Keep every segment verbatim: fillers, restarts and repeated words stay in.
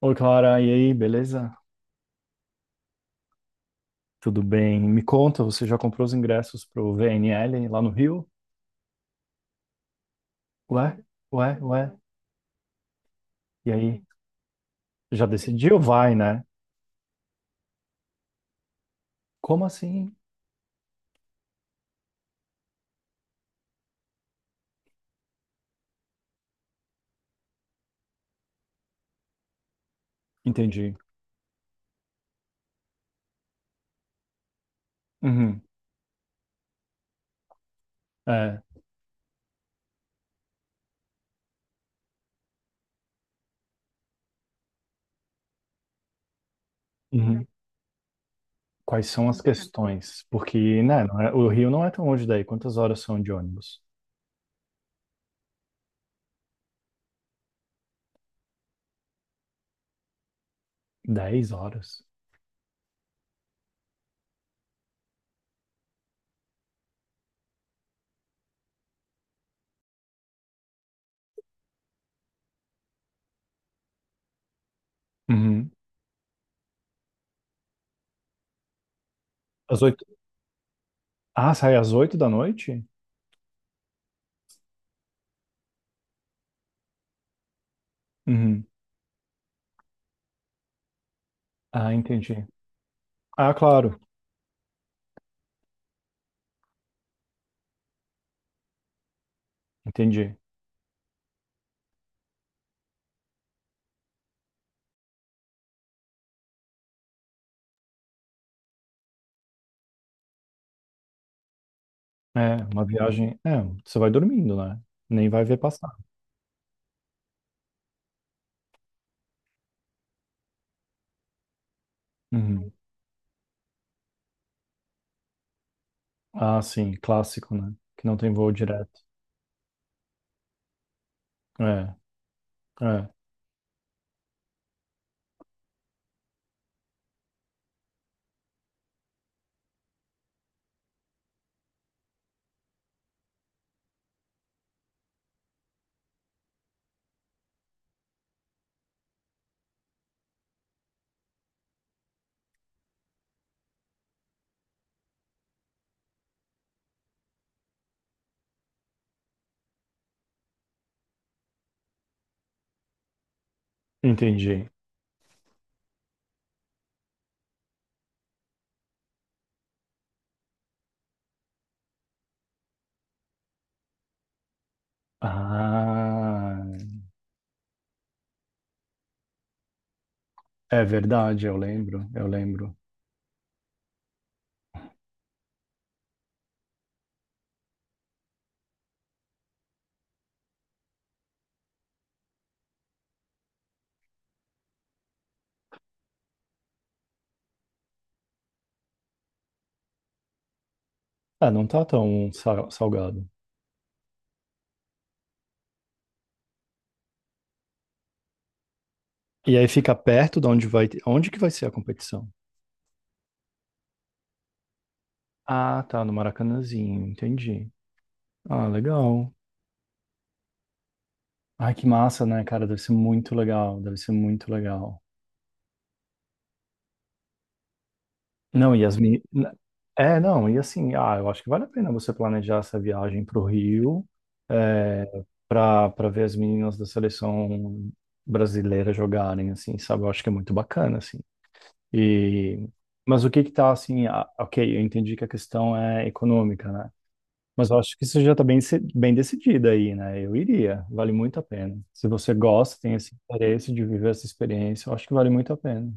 Oi, Clara, e aí, beleza? Tudo bem? Me conta, você já comprou os ingressos pro V N L lá no Rio? Ué, ué, ué. E aí, já decidiu? Vai, né? Como assim? Entendi. Uhum. É. Uhum. Quais são as questões? Porque, né, não é- o Rio não é tão longe daí. Quantas horas são de ônibus? Dez horas. Uhum. Às oito. Ah, sai às oito da noite? Uhum. Ah, entendi. Ah, claro. Entendi. É, uma viagem. É, você vai dormindo, né? Nem vai ver passar. Uhum. Ah, sim, clássico, né? Que não tem voo direto. É, é, entendi. Ah, é verdade, eu lembro, eu lembro. Ah, não tá tão sa- salgado. E aí fica perto de onde vai, ter- onde que vai ser a competição? Ah, tá, no Maracanãzinho, entendi. Ah, legal. Ai, que massa, né, cara? Deve ser muito legal, deve ser muito legal. Não, e as meni- É, não, e assim, ah, eu acho que vale a pena você planejar essa viagem para o Rio, é, para para ver as meninas da seleção brasileira jogarem, assim, sabe? Eu acho que é muito bacana, assim. E, mas o que que tá, assim, ah, ok, eu entendi que a questão é econômica, né? Mas eu acho que isso já está bem, se- bem decidida aí, né? Eu iria, vale muito a pena. Se você gosta, tem esse interesse de viver essa experiência, eu acho que vale muito a pena.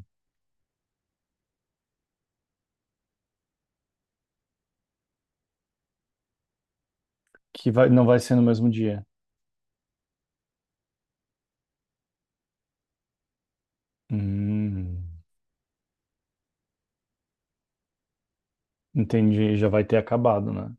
Que vai, não vai ser no mesmo dia. Hum. Entendi, já vai ter acabado, né?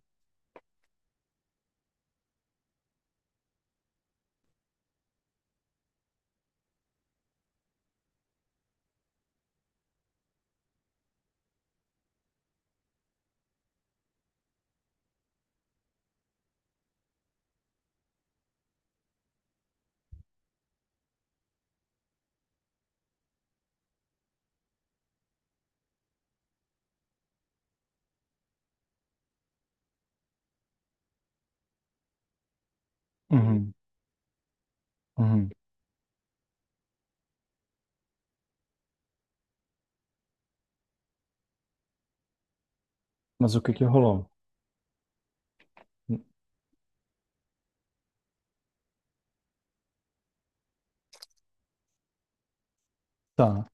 Uhum, uhum. Mas o que que rolou? Tá.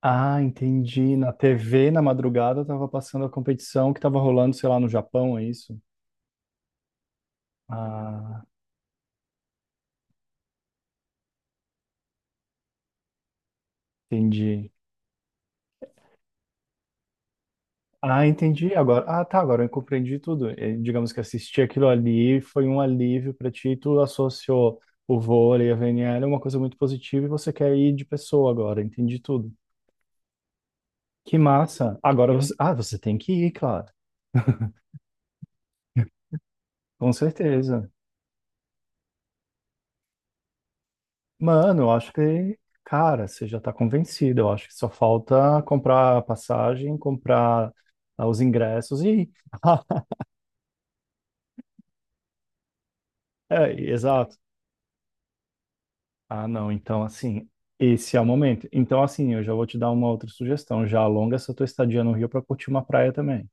Ah, entendi. Na T V, na madrugada, tava passando a competição que tava rolando, sei lá, no Japão, é isso? Ah, entendi. Ah, entendi agora. Ah, tá, agora eu compreendi tudo. Eh, digamos que assistir aquilo ali foi um alívio pra ti, tu associou o vôlei, a V N L, é uma coisa muito positiva e você quer ir de pessoa agora, entendi tudo. Que massa. Agora você... Ah, você tem que ir, claro. Com certeza. Mano, eu acho que, cara, você já tá convencido. Eu acho que só falta comprar a passagem, comprar ah, os ingressos e ir. É, exato. Ah, não. Então, assim, esse é o momento. Então, assim, eu já vou te dar uma outra sugestão. Já alonga essa tua estadia no Rio para curtir uma praia também.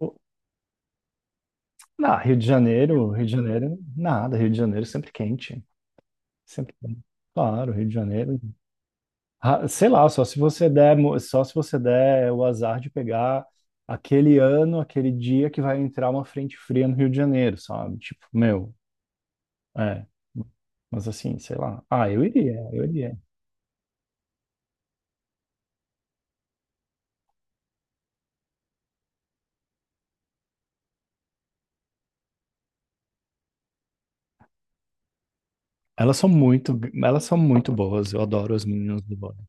O- Na Rio de Janeiro, Rio de Janeiro, nada. Rio de Janeiro sempre quente. Sempre quente. Claro, Rio de Janeiro. Ah, sei lá, só se você der, mo- só se você der o azar de pegar aquele ano, aquele dia que vai entrar uma frente fria no Rio de Janeiro, sabe? Tipo, meu, é. Mas assim, sei lá. Ah, eu iria, eu iria. Elas são muito, elas são muito boas. Eu adoro as meninas do vôlei.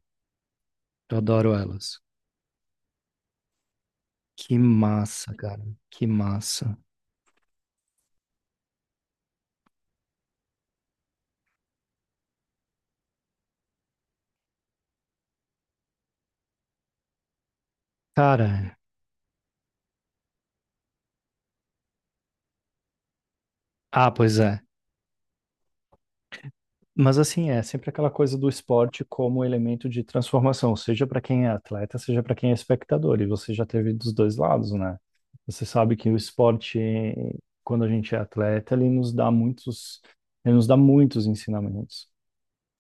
Eu adoro elas. Que massa, cara. Que massa. Cara, ah, pois é. Mas assim, é sempre aquela coisa do esporte como elemento de transformação, seja para quem é atleta, seja para quem é espectador, e você já teve dos dois lados, né? Você sabe que o esporte, quando a gente é atleta, ele nos dá muitos, ele nos dá muitos ensinamentos.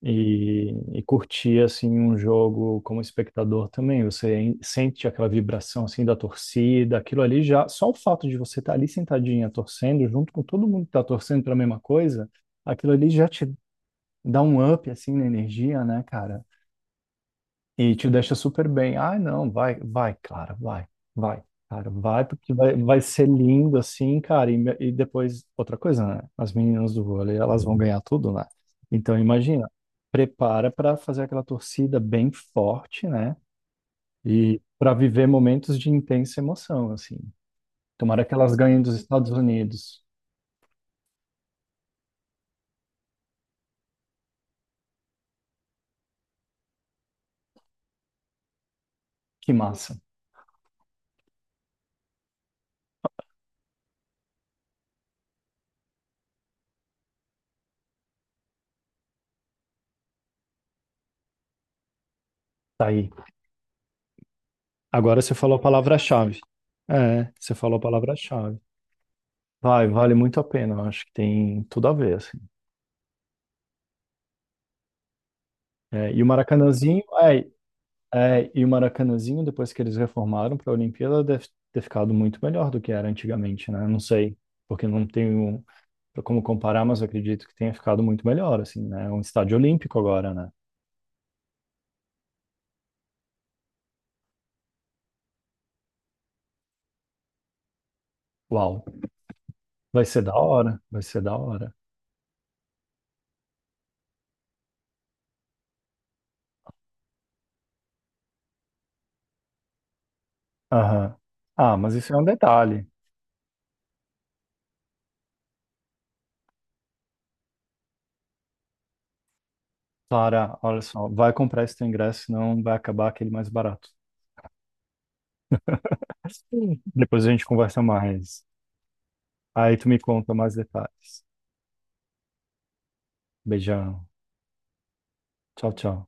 E, e curtir assim um jogo como espectador também, você en- sente aquela vibração assim da torcida, aquilo ali já, só o fato de você estar ali sentadinha torcendo junto com todo mundo que está torcendo para a mesma coisa, aquilo ali já te dá um up assim na energia, né, cara? E te deixa super bem. Ah, não, vai, vai, cara, vai, vai, cara, vai, porque vai, vai ser lindo assim, cara. E, me- e depois, outra coisa, né? As meninas do vôlei, elas vão ganhar tudo, né? Então, imagina, prepara para fazer aquela torcida bem forte, né? E para viver momentos de intensa emoção, assim. Tomara que elas ganhem dos Estados Unidos. Que massa. Tá aí. Agora você falou a palavra-chave. É, você falou a palavra-chave. Vai, vale muito a pena, eu acho que tem tudo a ver, assim. É, e o Maracanãzinho, é, é, e o Maracanãzinho, depois que eles reformaram para a Olimpíada, deve ter ficado muito melhor do que era antigamente, né? Não sei, porque não tenho como comparar, mas eu acredito que tenha ficado muito melhor, assim, né? É um estádio olímpico agora, né? Uau, vai ser da hora, vai ser da hora. Aham. Ah, mas isso é um detalhe. Clara, olha só, vai comprar esse teu ingresso, senão vai acabar aquele mais barato. Sim. Depois a gente conversa mais. Aí tu me conta mais detalhes. Beijão. Tchau, tchau.